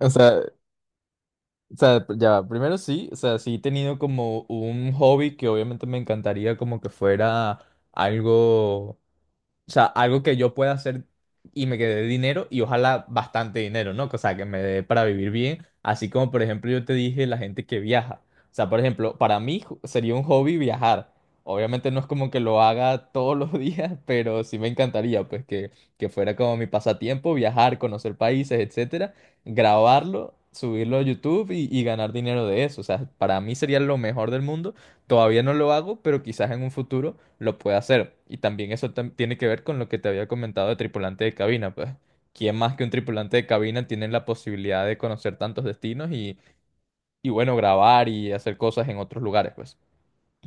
O sea, o sea, ya, va, primero sí, o sea, sí he tenido como un hobby que obviamente me encantaría como que fuera algo, o sea, algo que yo pueda hacer y me quede dinero y ojalá bastante dinero, ¿no? O sea, que me dé para vivir bien. Así como, por ejemplo, yo te dije la gente que viaja. O sea, por ejemplo, para mí sería un hobby viajar. Obviamente no es como que lo haga todos los días, pero sí me encantaría, pues, que fuera como mi pasatiempo, viajar, conocer países, etcétera, grabarlo, subirlo a YouTube y ganar dinero de eso. O sea, para mí sería lo mejor del mundo. Todavía no lo hago, pero quizás en un futuro lo puede hacer. Y también eso tiene que ver con lo que te había comentado de tripulante de cabina, pues. ¿Quién más que un tripulante de cabina tiene la posibilidad de conocer tantos destinos y bueno, grabar y hacer cosas en otros lugares, pues?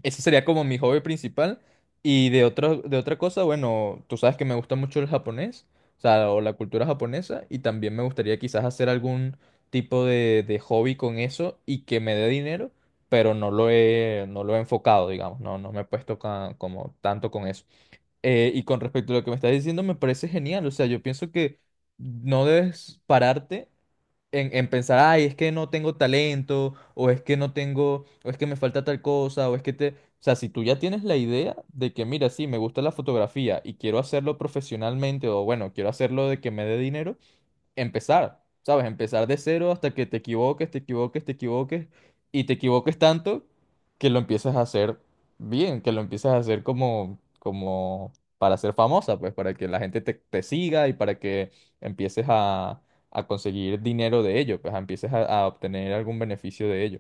Ese sería como mi hobby principal. Y de otro, de otra cosa, bueno, tú sabes que me gusta mucho el japonés, o sea, o la cultura japonesa, y también me gustaría quizás hacer algún tipo de hobby con eso y que me dé dinero, pero no lo he enfocado, digamos, no me he puesto como tanto con eso. Y con respecto a lo que me estás diciendo, me parece genial. O sea, yo pienso que no debes pararte en pensar, ay, es que no tengo talento, o es que no tengo, o es que me falta tal cosa, o es que te... O sea, si tú ya tienes la idea de que, mira, sí, me gusta la fotografía y quiero hacerlo profesionalmente, o bueno, quiero hacerlo de que me dé dinero, empezar, ¿sabes? Empezar de cero hasta que te equivoques, te equivoques, te equivoques y te equivoques tanto que lo empiezas a hacer bien, que lo empiezas a hacer como, como para ser famosa, pues para que la gente te siga y para que empieces a conseguir dinero de ello, pues empieces a obtener algún beneficio de ello.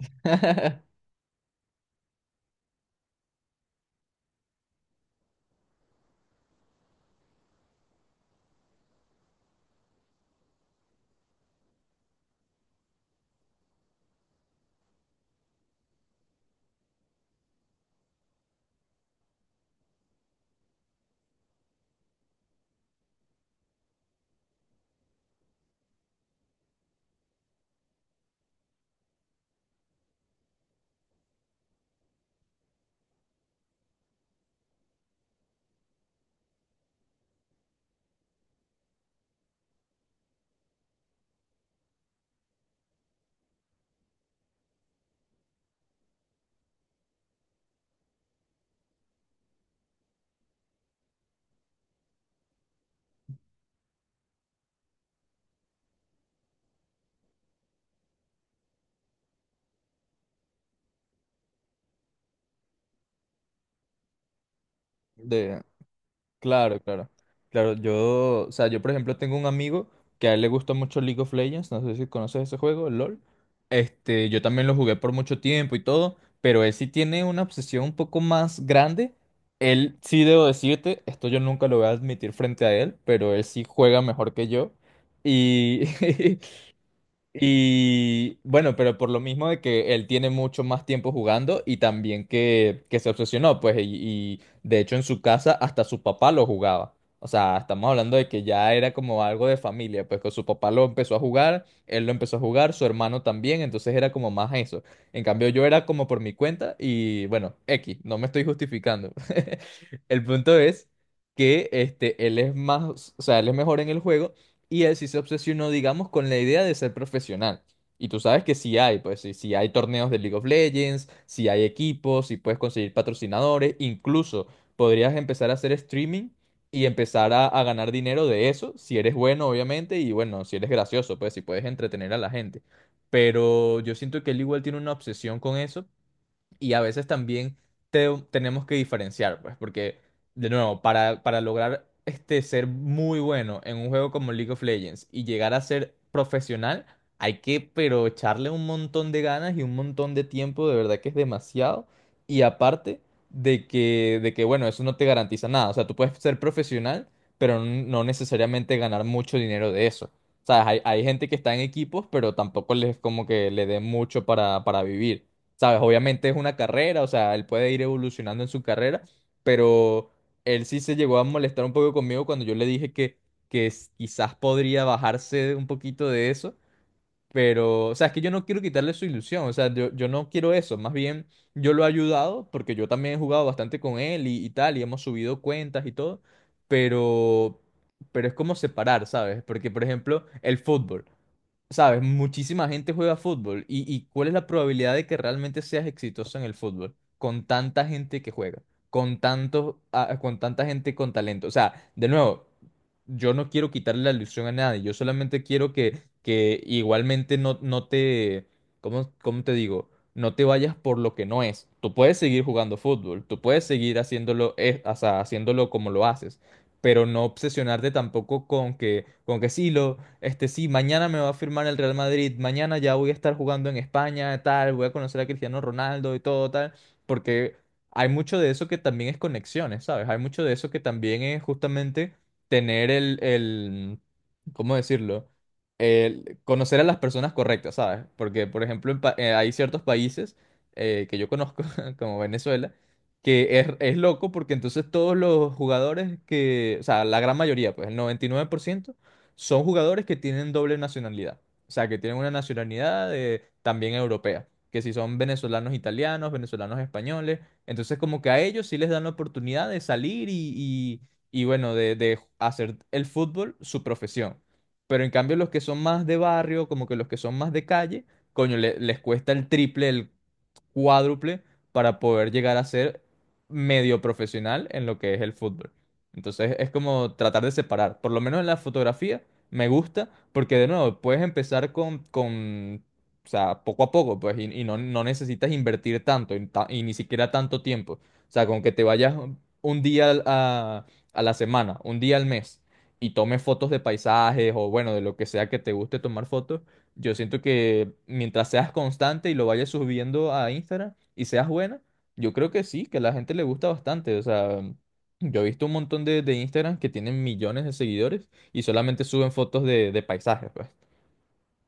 De- Claro, claro. Claro, yo, o sea, yo por ejemplo tengo un amigo que a él le gusta mucho League of Legends, no sé si conoces ese juego, el LOL. Este, yo también lo jugué por mucho tiempo y todo, pero él sí tiene una obsesión un poco más grande. Él sí debo decirte, esto yo nunca lo voy a admitir frente a él, pero él sí juega mejor que yo. Y, Y bueno, pero por lo mismo de que él tiene mucho más tiempo jugando y también que se obsesionó, pues, y de hecho en su casa hasta su papá lo jugaba. O sea, estamos hablando de que ya era como algo de familia, pues que su papá lo empezó a jugar, él lo empezó a jugar, su hermano también, entonces era como más eso. En cambio yo era como por mi cuenta y bueno, X, no me estoy justificando. El punto es que este, él es más, o sea, él es mejor en el juego y él sí se obsesionó, digamos, con la idea de ser profesional. Y tú sabes que sí hay, pues sí, sí hay torneos de League of Legends, sí hay equipos, sí puedes conseguir patrocinadores, incluso podrías empezar a hacer streaming y empezar a ganar dinero de eso, si eres bueno, obviamente, y bueno, si eres gracioso, pues si puedes entretener a la gente. Pero yo siento que él igual tiene una obsesión con eso y a veces también tenemos que diferenciar, pues, porque, de nuevo, para lograr este, ser muy bueno en un juego como League of Legends y llegar a ser profesional, hay que, pero echarle un montón de ganas y un montón de tiempo, de verdad que es demasiado. Y aparte de que, bueno, eso no te garantiza nada. O sea, tú puedes ser profesional, pero no necesariamente ganar mucho dinero de eso. O sea, hay gente que está en equipos, pero tampoco les como que le dé mucho para vivir. ¿Sabes? Obviamente es una carrera, o sea, él puede ir evolucionando en su carrera, pero él sí se llegó a molestar un poco conmigo cuando yo le dije que quizás podría bajarse un poquito de eso, pero, o sea, es que yo no quiero quitarle su ilusión, o sea, yo no quiero eso, más bien yo lo he ayudado porque yo también he jugado bastante con él y tal, y hemos subido cuentas y todo, pero, pero es como separar, ¿sabes? Porque, por ejemplo, el fútbol sabes, muchísima gente juega fútbol. Y cuál es la probabilidad de que realmente seas exitoso en el fútbol? Con tanta gente que juega, con tanta gente con talento. O sea, de nuevo, yo no quiero quitarle la ilusión a nadie. Yo solamente quiero que igualmente no, no te, ¿cómo te digo? No te vayas por lo que no es. Tú puedes seguir jugando fútbol, tú puedes seguir haciéndolo, o sea, haciéndolo como lo haces, pero no obsesionarte tampoco con que sí lo este, sí, mañana me va a firmar el Real Madrid, mañana ya voy a estar jugando en España, tal, voy a conocer a Cristiano Ronaldo y todo, tal, porque hay mucho de eso que también es conexiones, ¿sabes? Hay mucho de eso que también es justamente tener el, ¿cómo decirlo? El conocer a las personas correctas, ¿sabes? Porque, por ejemplo, hay ciertos países que yo conozco, como Venezuela, que es loco porque entonces todos los jugadores que, o sea, la gran mayoría, pues el 99%, son jugadores que tienen doble nacionalidad. O sea, que tienen una nacionalidad también europea. Que si son venezolanos italianos, venezolanos españoles. Entonces, como que a ellos sí les dan la oportunidad de salir y bueno, de hacer el fútbol su profesión. Pero en cambio, los que son más de barrio, como que los que son más de calle, coño, les cuesta el triple, cuádruple para poder llegar a ser medio profesional en lo que es el fútbol. Entonces es como tratar de separar. Por lo menos en la fotografía me gusta porque de nuevo puedes empezar con o sea, poco a poco, pues, y no, no necesitas invertir tanto y, y ni siquiera tanto tiempo. O sea, con que te vayas un día a la semana, un día al mes y tomes fotos de paisajes o bueno, de lo que sea que te guste tomar fotos, yo siento que mientras seas constante y lo vayas subiendo a Instagram y seas buena, yo creo que sí, que a la gente le gusta bastante. O sea, yo he visto un montón de Instagram que tienen millones de seguidores y solamente suben fotos de paisajes, pues.